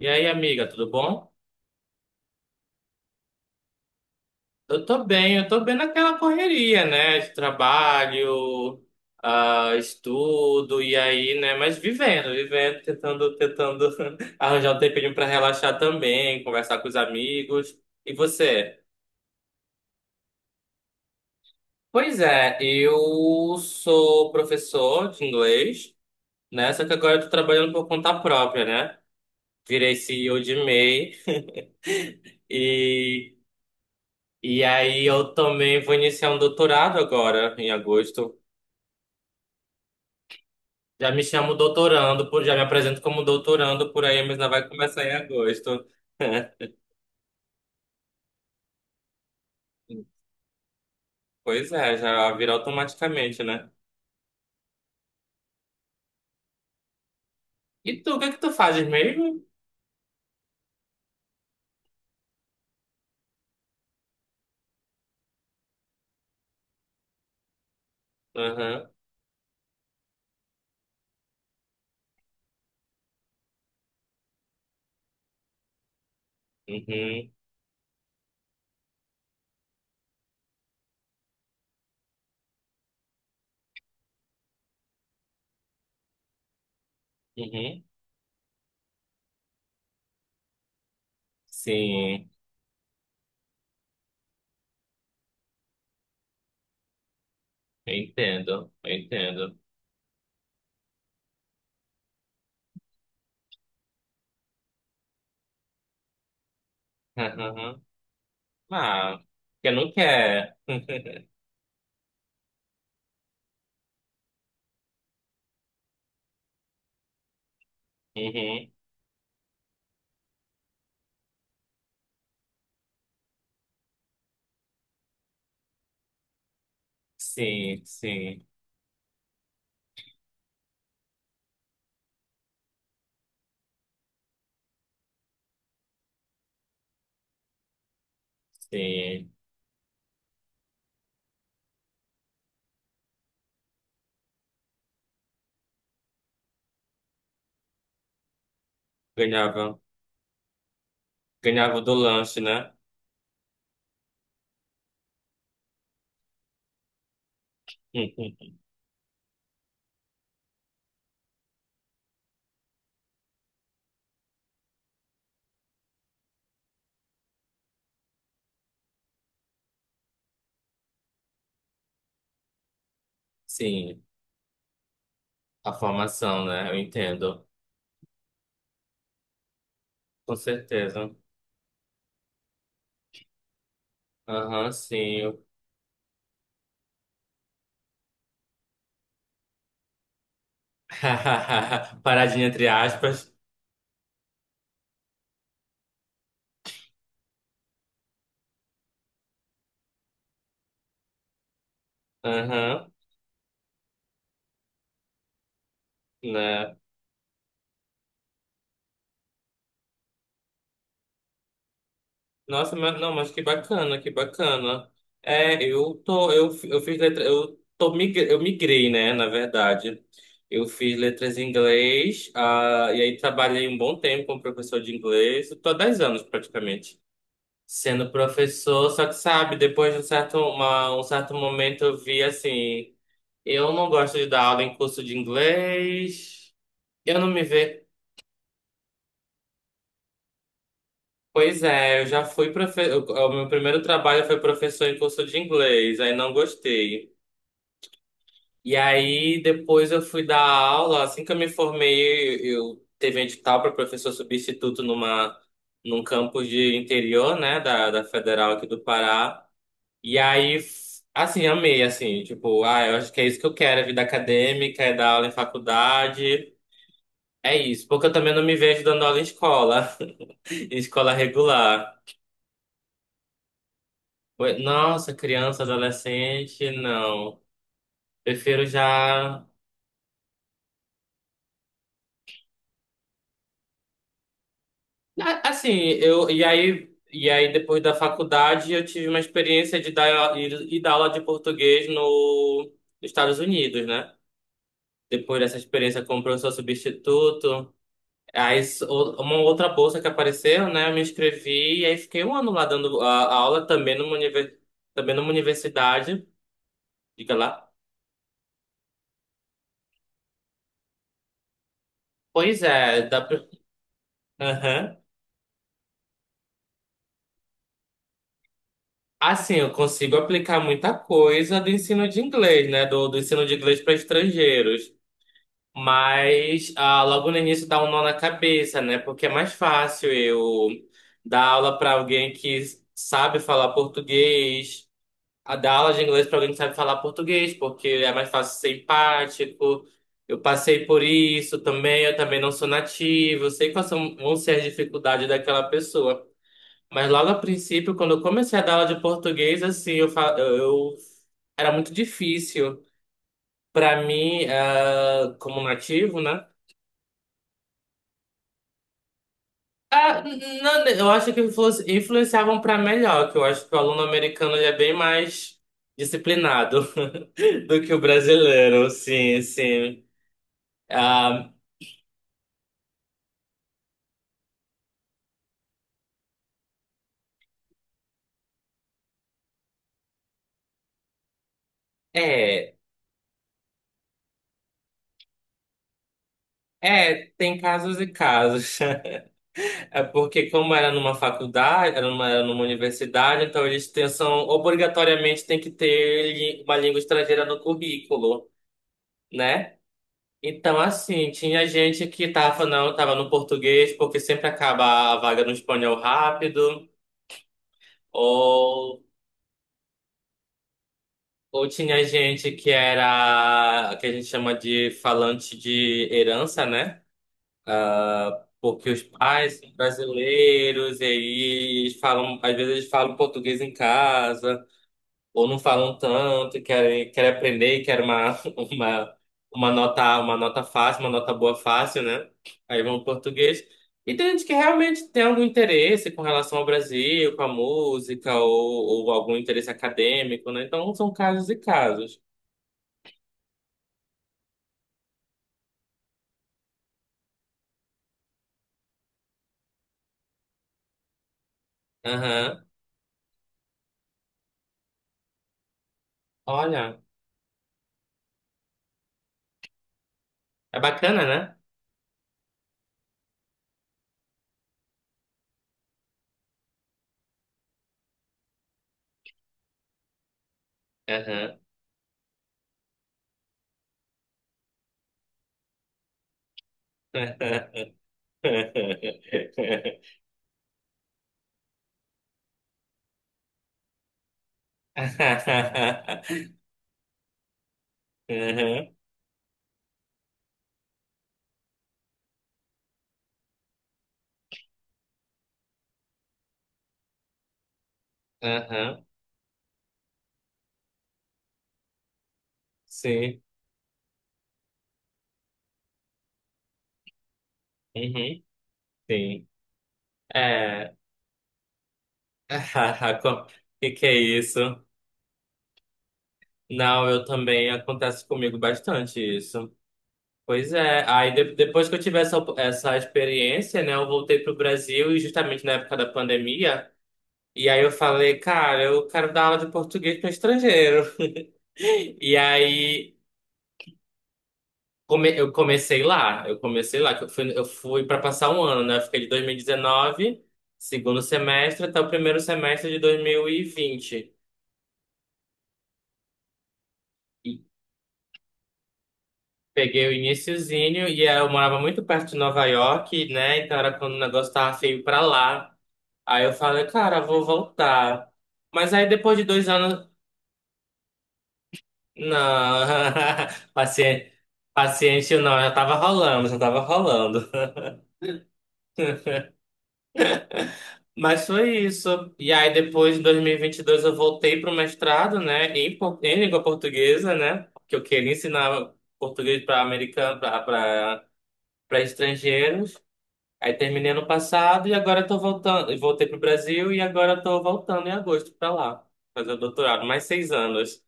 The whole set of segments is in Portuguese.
E aí, amiga, tudo bom? Eu tô bem naquela correria, né? De trabalho, estudo, e aí, né? Mas vivendo, tentando arranjar um tempinho pra relaxar também, conversar com os amigos. E você? Pois é, eu sou professor de inglês, né? Só que agora eu tô trabalhando por conta própria, né? Virei CEO de MEI e, e aí eu também vou iniciar um doutorado agora, em agosto. Já me chamo doutorando, já me apresento como doutorando por aí, mas ainda vai começar em agosto. Pois é, já vira automaticamente, né? E tu, o que é que tu fazes mesmo? Aham, uhum, uhum. Sim, eu entendo. Aham. Ah, porque não quer. Uhum. Sim, sim. Ganhava, ganhava do lanche, né? Uhum. Sim, a formação, né? Eu entendo, com certeza. Aham, sim. Paradinha entre aspas. Aham, né? Nossa, mas, não, mas que bacana, que bacana. É, eu fiz letra, eu migrei, né, na verdade. Eu fiz letras em inglês, e aí trabalhei um bom tempo como professor de inglês, eu tô há 10 anos praticamente. Sendo professor, só que sabe, depois de um certo momento eu vi assim, eu não gosto de dar aula em curso de inglês. Eu não me vejo. Pois é, eu já fui professor. O meu primeiro trabalho foi professor em curso de inglês, aí não gostei. E aí depois eu fui dar aula, assim que eu me formei, eu teve um edital para professor substituto num campus de interior, né, da Federal aqui do Pará. E aí assim, amei assim, tipo, ah, eu acho que é isso que eu quero, é vida acadêmica, é dar aula em faculdade. É isso, porque eu também não me vejo dando aula em escola, em escola regular. Oi, nossa, criança, adolescente, não. Prefiro já. Assim, eu. E aí depois da faculdade, eu tive uma experiência de ir dar aula de português no, nos Estados Unidos, né? Depois dessa experiência como professor substituto. Aí, uma outra bolsa que apareceu, né? Eu me inscrevi e aí fiquei um ano lá dando a aula também também numa universidade. Diga lá. Pois é, dá pra. Assim, eu consigo aplicar muita coisa do ensino de inglês, né? Do ensino de inglês para estrangeiros. Mas logo no início dá um nó na cabeça, né? Porque é mais fácil eu dar aula para alguém que sabe falar português, a dar aula de inglês para alguém que sabe falar português, porque é mais fácil ser empático. Eu passei por isso também, eu também não sou nativo, eu sei quais são, vão ser as dificuldades daquela pessoa. Mas logo a princípio, quando eu comecei a dar aula de português, assim, eu, fa- eu- era muito difícil para mim, como nativo, né? Ah, não, eu acho que influenciavam para melhor, que eu acho que o aluno americano ele é bem mais disciplinado do que o brasileiro, sim, sim. Ah, é, é, tem casos e casos. É porque como era numa faculdade, era numa universidade, então eles têm, são, obrigatoriamente tem que ter uma língua estrangeira no currículo, né? Então, assim, tinha gente que tava, não, tava no português, porque sempre acaba a vaga no espanhol rápido, ou, ou tinha gente que era, que a gente chama de falante de herança, né? Porque os pais são brasileiros, e aí eles falam, às vezes eles falam português em casa. Ou não falam tanto, e querem aprender, e uma, uma nota fácil, uma nota boa fácil, né? Aí vão pro português. E tem gente que realmente tem algum interesse com relação ao Brasil, com a música, ou algum interesse acadêmico, né? Então são casos e casos. Aham. Olha, é bacana, né? Aham. Aham. Aham. Sim. Uhum. Sim. É. O que que é isso? Não, eu também acontece comigo bastante isso. Pois é, aí depois que eu tive essa, essa experiência, né, eu voltei pro Brasil e justamente na época da pandemia, e aí eu falei, cara, eu quero dar aula de português para estrangeiro. E aí eu comecei lá, que eu fui para passar um ano, né? Eu fiquei de 2019, segundo semestre, até o primeiro semestre de 2020. Peguei o iniciozinho e eu morava muito perto de Nova York, né? Então era quando o negócio tava feio pra lá. Aí eu falei, cara, vou voltar. Mas aí depois de 2 anos. Não, paciente, paciente não, já tava rolando. Mas foi isso. E aí depois, em 2022, eu voltei pro mestrado, né? Em língua portuguesa, né? Porque eu queria ensinar português para americano, para estrangeiros. Aí terminei ano passado e agora tô voltando. E voltei pro Brasil e agora tô voltando em agosto pra lá. Fazer o doutorado, mais 6 anos.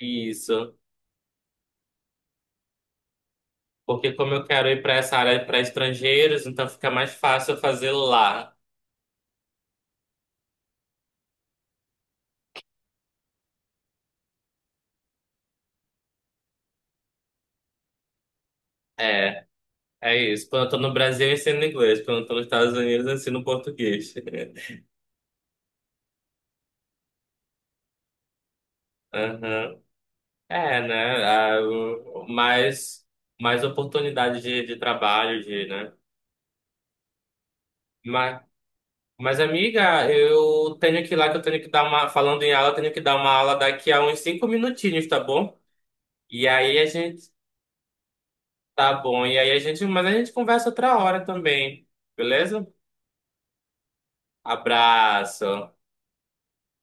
Isso. Porque como eu quero ir pra essa área pra estrangeiros, então fica mais fácil eu fazer lá. É, é isso. Quando eu tô no Brasil, eu ensino inglês. Quando eu tô nos Estados Unidos, eu ensino português. Aham. É, né? Ah, mais oportunidade de trabalho, de, né? Ma- Mas, amiga, eu tenho que ir lá que eu tenho que dar uma. Falando em aula, eu tenho que dar uma aula daqui a uns 5 minutinhos, tá bom? E aí a gente. Tá bom. E aí a gente. Mas a gente conversa outra hora também. Beleza? Abraço.